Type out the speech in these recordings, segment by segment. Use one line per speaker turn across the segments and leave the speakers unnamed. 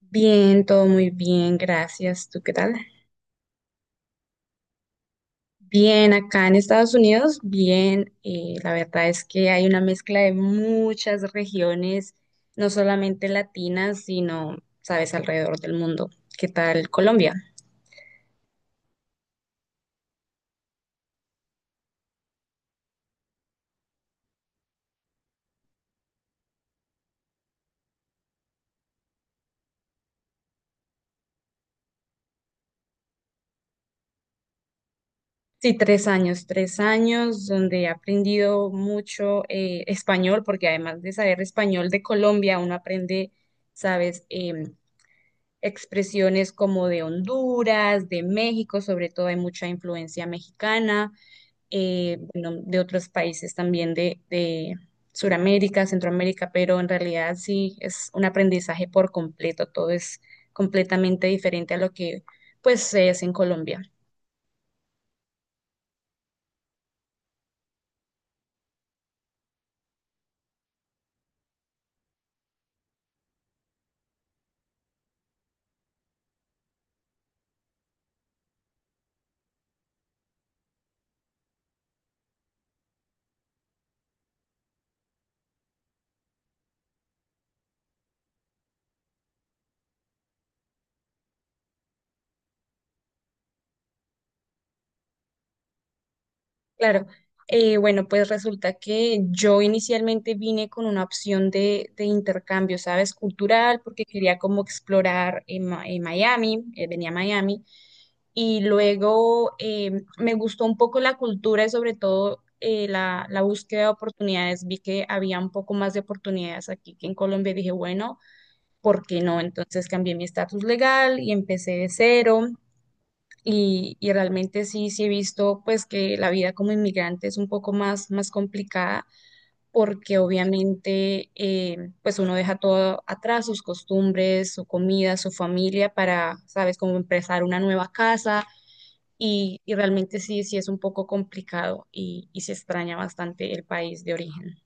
Bien, todo muy bien, gracias. ¿Tú qué tal? Bien, acá en Estados Unidos, bien. La verdad es que hay una mezcla de muchas regiones, no solamente latinas, sino, sabes, alrededor del mundo. ¿Qué tal Colombia? Sí, 3 años, 3 años donde he aprendido mucho español, porque además de saber español de Colombia, uno aprende, sabes, expresiones como de Honduras, de México, sobre todo hay mucha influencia mexicana, bueno, de otros países también de Sudamérica, Centroamérica, pero en realidad sí es un aprendizaje por completo, todo es completamente diferente a lo que pues se es en Colombia. Claro, bueno, pues resulta que yo inicialmente vine con una opción de intercambio, ¿sabes? Cultural, porque quería como explorar en Miami, venía a Miami y luego me gustó un poco la cultura y sobre todo la búsqueda de oportunidades. Vi que había un poco más de oportunidades aquí que en Colombia y dije, bueno, ¿por qué no? Entonces cambié mi estatus legal y empecé de cero. Y realmente sí, sí he visto pues que la vida como inmigrante es un poco más, más complicada porque obviamente pues uno deja todo atrás, sus costumbres, su comida, su familia para, sabes, como empezar una nueva casa y realmente sí, sí es un poco complicado y se extraña bastante el país de origen.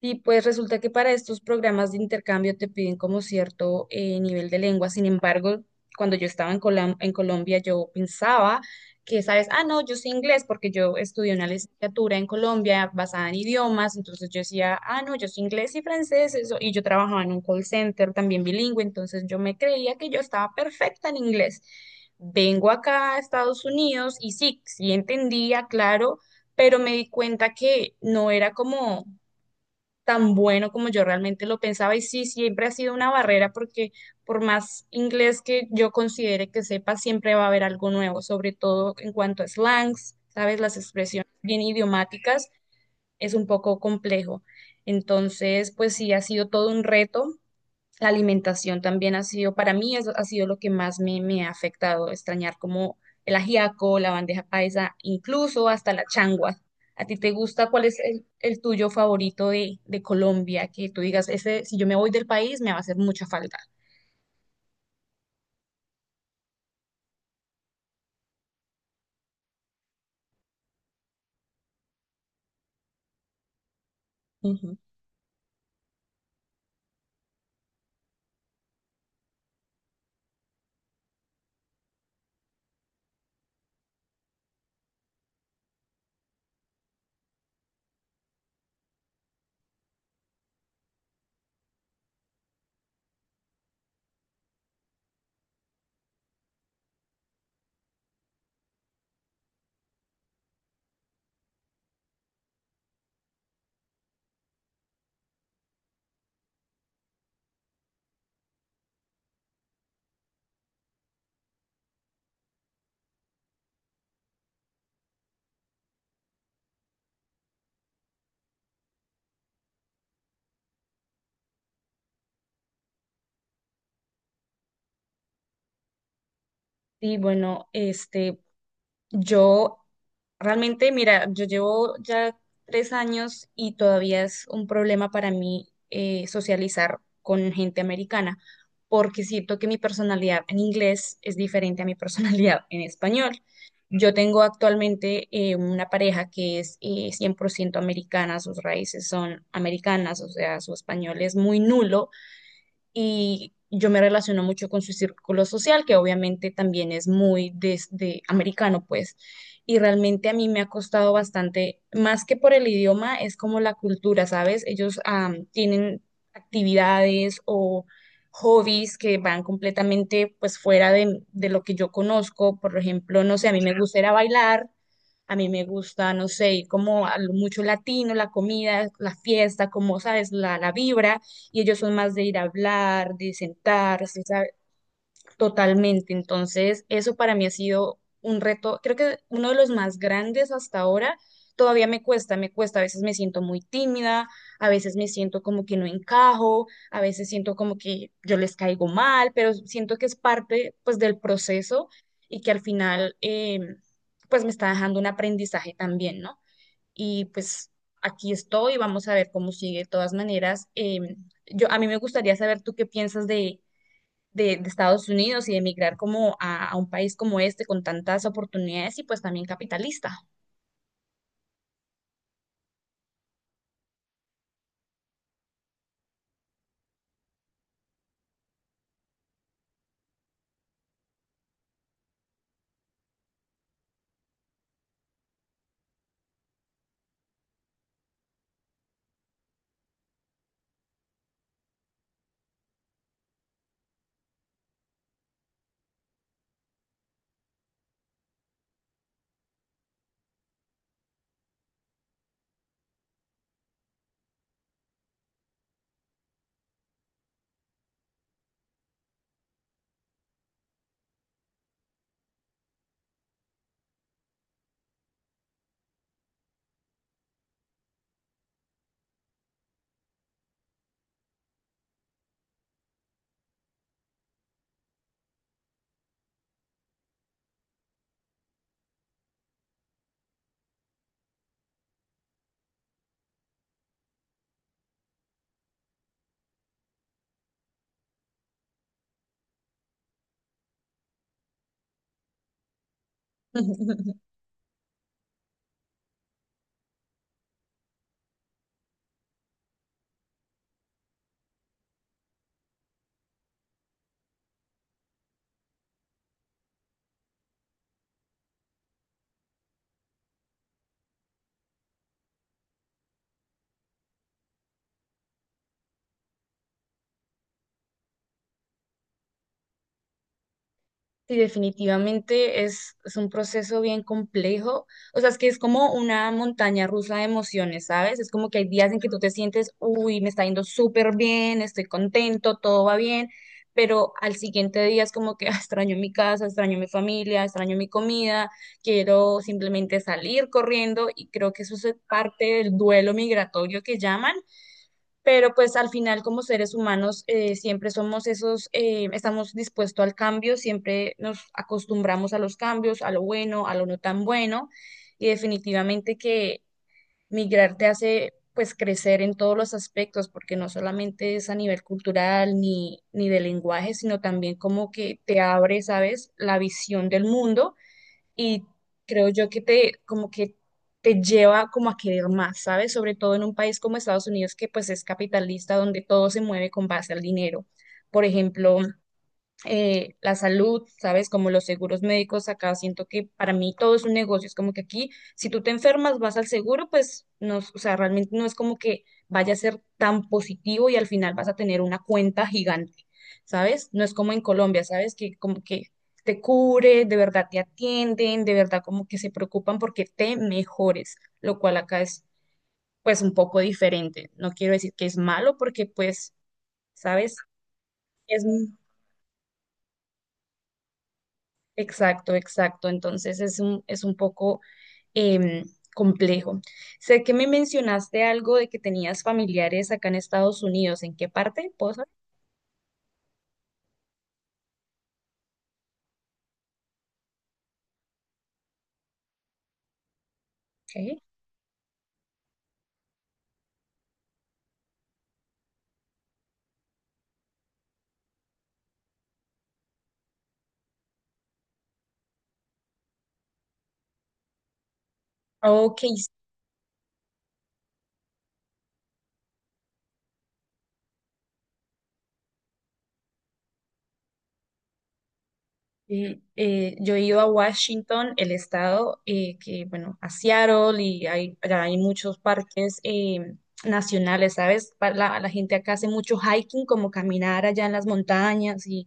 Y pues resulta que para estos programas de intercambio te piden como cierto nivel de lengua. Sin embargo, cuando yo estaba en en Colombia, yo pensaba que, sabes, ah, no, yo sé inglés porque yo estudié una licenciatura en Colombia basada en idiomas. Entonces yo decía, ah, no, yo sé inglés y francés. Eso. Y yo trabajaba en un call center también bilingüe. Entonces yo me creía que yo estaba perfecta en inglés. Vengo acá a Estados Unidos y sí, sí entendía, claro, pero me di cuenta que no era como tan bueno como yo realmente lo pensaba. Y sí, siempre ha sido una barrera porque por más inglés que yo considere que sepa, siempre va a haber algo nuevo, sobre todo en cuanto a slangs, ¿sabes? Las expresiones bien idiomáticas es un poco complejo. Entonces, pues sí, ha sido todo un reto. La alimentación también ha sido, para mí eso ha sido lo que más me ha afectado, extrañar como el ajiaco, la bandeja paisa, incluso hasta la changua. ¿A ti te gusta? ¿Cuál es el tuyo favorito de Colombia? Que tú digas, ese, si yo me voy del país, me va a hacer mucha falta. Ujú. Sí, bueno, yo realmente, mira, yo llevo ya 3 años y todavía es un problema para mí socializar con gente americana, porque siento que mi personalidad en inglés es diferente a mi personalidad en español. Yo tengo actualmente una pareja que es 100% americana, sus raíces son americanas, o sea, su español es muy nulo y yo me relaciono mucho con su círculo social, que obviamente también es muy de americano, pues. Y realmente a mí me ha costado bastante, más que por el idioma, es como la cultura, ¿sabes? Ellos tienen actividades o hobbies que van completamente pues fuera de lo que yo conozco. Por ejemplo, no sé, a mí me gusta ir a bailar, a mí me gusta, no sé, ir como a lo mucho latino, la comida, la fiesta, como, ¿sabes? La vibra y ellos son más de ir a hablar, de sentarse, ¿sabe? Totalmente. Entonces, eso para mí ha sido un reto, creo que uno de los más grandes hasta ahora. Todavía me cuesta, a veces me siento muy tímida, a veces me siento como que no encajo, a veces siento como que yo les caigo mal, pero siento que es parte pues del proceso y que al final pues me está dejando un aprendizaje también, ¿no? Y pues aquí estoy, vamos a ver cómo sigue. De todas maneras, a mí me gustaría saber tú qué piensas de Estados Unidos y de emigrar como a un país como este con tantas oportunidades y pues también capitalista. Sí, definitivamente es un proceso bien complejo. O sea, es que es como una montaña rusa de emociones, ¿sabes? Es como que hay días en que tú te sientes, uy, me está yendo súper bien, estoy contento, todo va bien, pero al siguiente día es como que "Ah, extraño mi casa, extraño mi familia, extraño mi comida, quiero simplemente salir corriendo" y creo que eso es parte del duelo migratorio que llaman. Pero pues al final como seres humanos siempre somos esos, estamos dispuestos al cambio, siempre nos acostumbramos a los cambios, a lo bueno, a lo no tan bueno, y definitivamente que migrar te hace pues crecer en todos los aspectos, porque no solamente es a nivel cultural ni de lenguaje, sino también como que te abre, ¿sabes?, la visión del mundo y creo yo que te como que te lleva como a querer más, ¿sabes? Sobre todo en un país como Estados Unidos que pues es capitalista donde todo se mueve con base al dinero. Por ejemplo, la salud, ¿sabes? Como los seguros médicos acá, siento que para mí todo es un negocio, es como que aquí, si tú te enfermas, vas al seguro, pues no, o sea, realmente no es como que vaya a ser tan positivo y al final vas a tener una cuenta gigante, ¿sabes? No es como en Colombia, ¿sabes? Que como que te cubre, de verdad te atienden, de verdad como que se preocupan porque te mejores, lo cual acá es pues un poco diferente. No quiero decir que es malo porque pues, ¿sabes? Es Exacto, exacto. Entonces es un poco em, complejo. Sé que me mencionaste algo de que tenías familiares acá en Estados Unidos. ¿En qué parte? ¿Puedo saber? Ok. Ok, sí, yo he ido a Washington, el estado, que bueno, a Seattle y allá hay muchos parques nacionales, ¿sabes? La gente acá hace mucho hiking, como caminar allá en las montañas y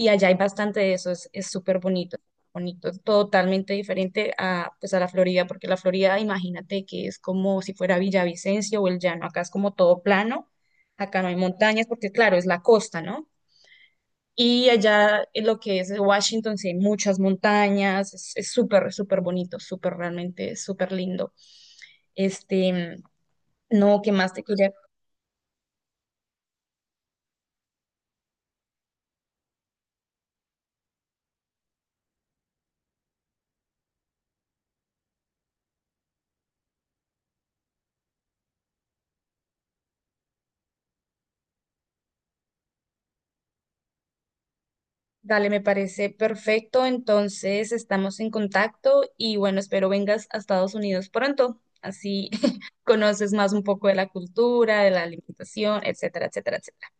y allá hay bastante de eso, es súper bonito, bonito, es totalmente diferente pues a la Florida, porque la Florida, imagínate que es como si fuera Villavicencio o el llano, acá es como todo plano, acá no hay montañas, porque claro, es la costa, ¿no? Y allá en lo que es Washington, sí hay muchas montañas, es súper, súper bonito, súper realmente, súper lindo. Este, no, ¿qué más te quería? Dale, me parece perfecto. Entonces estamos en contacto y bueno, espero vengas a Estados Unidos pronto. Así conoces más un poco de la cultura, de la alimentación, etcétera, etcétera, etcétera.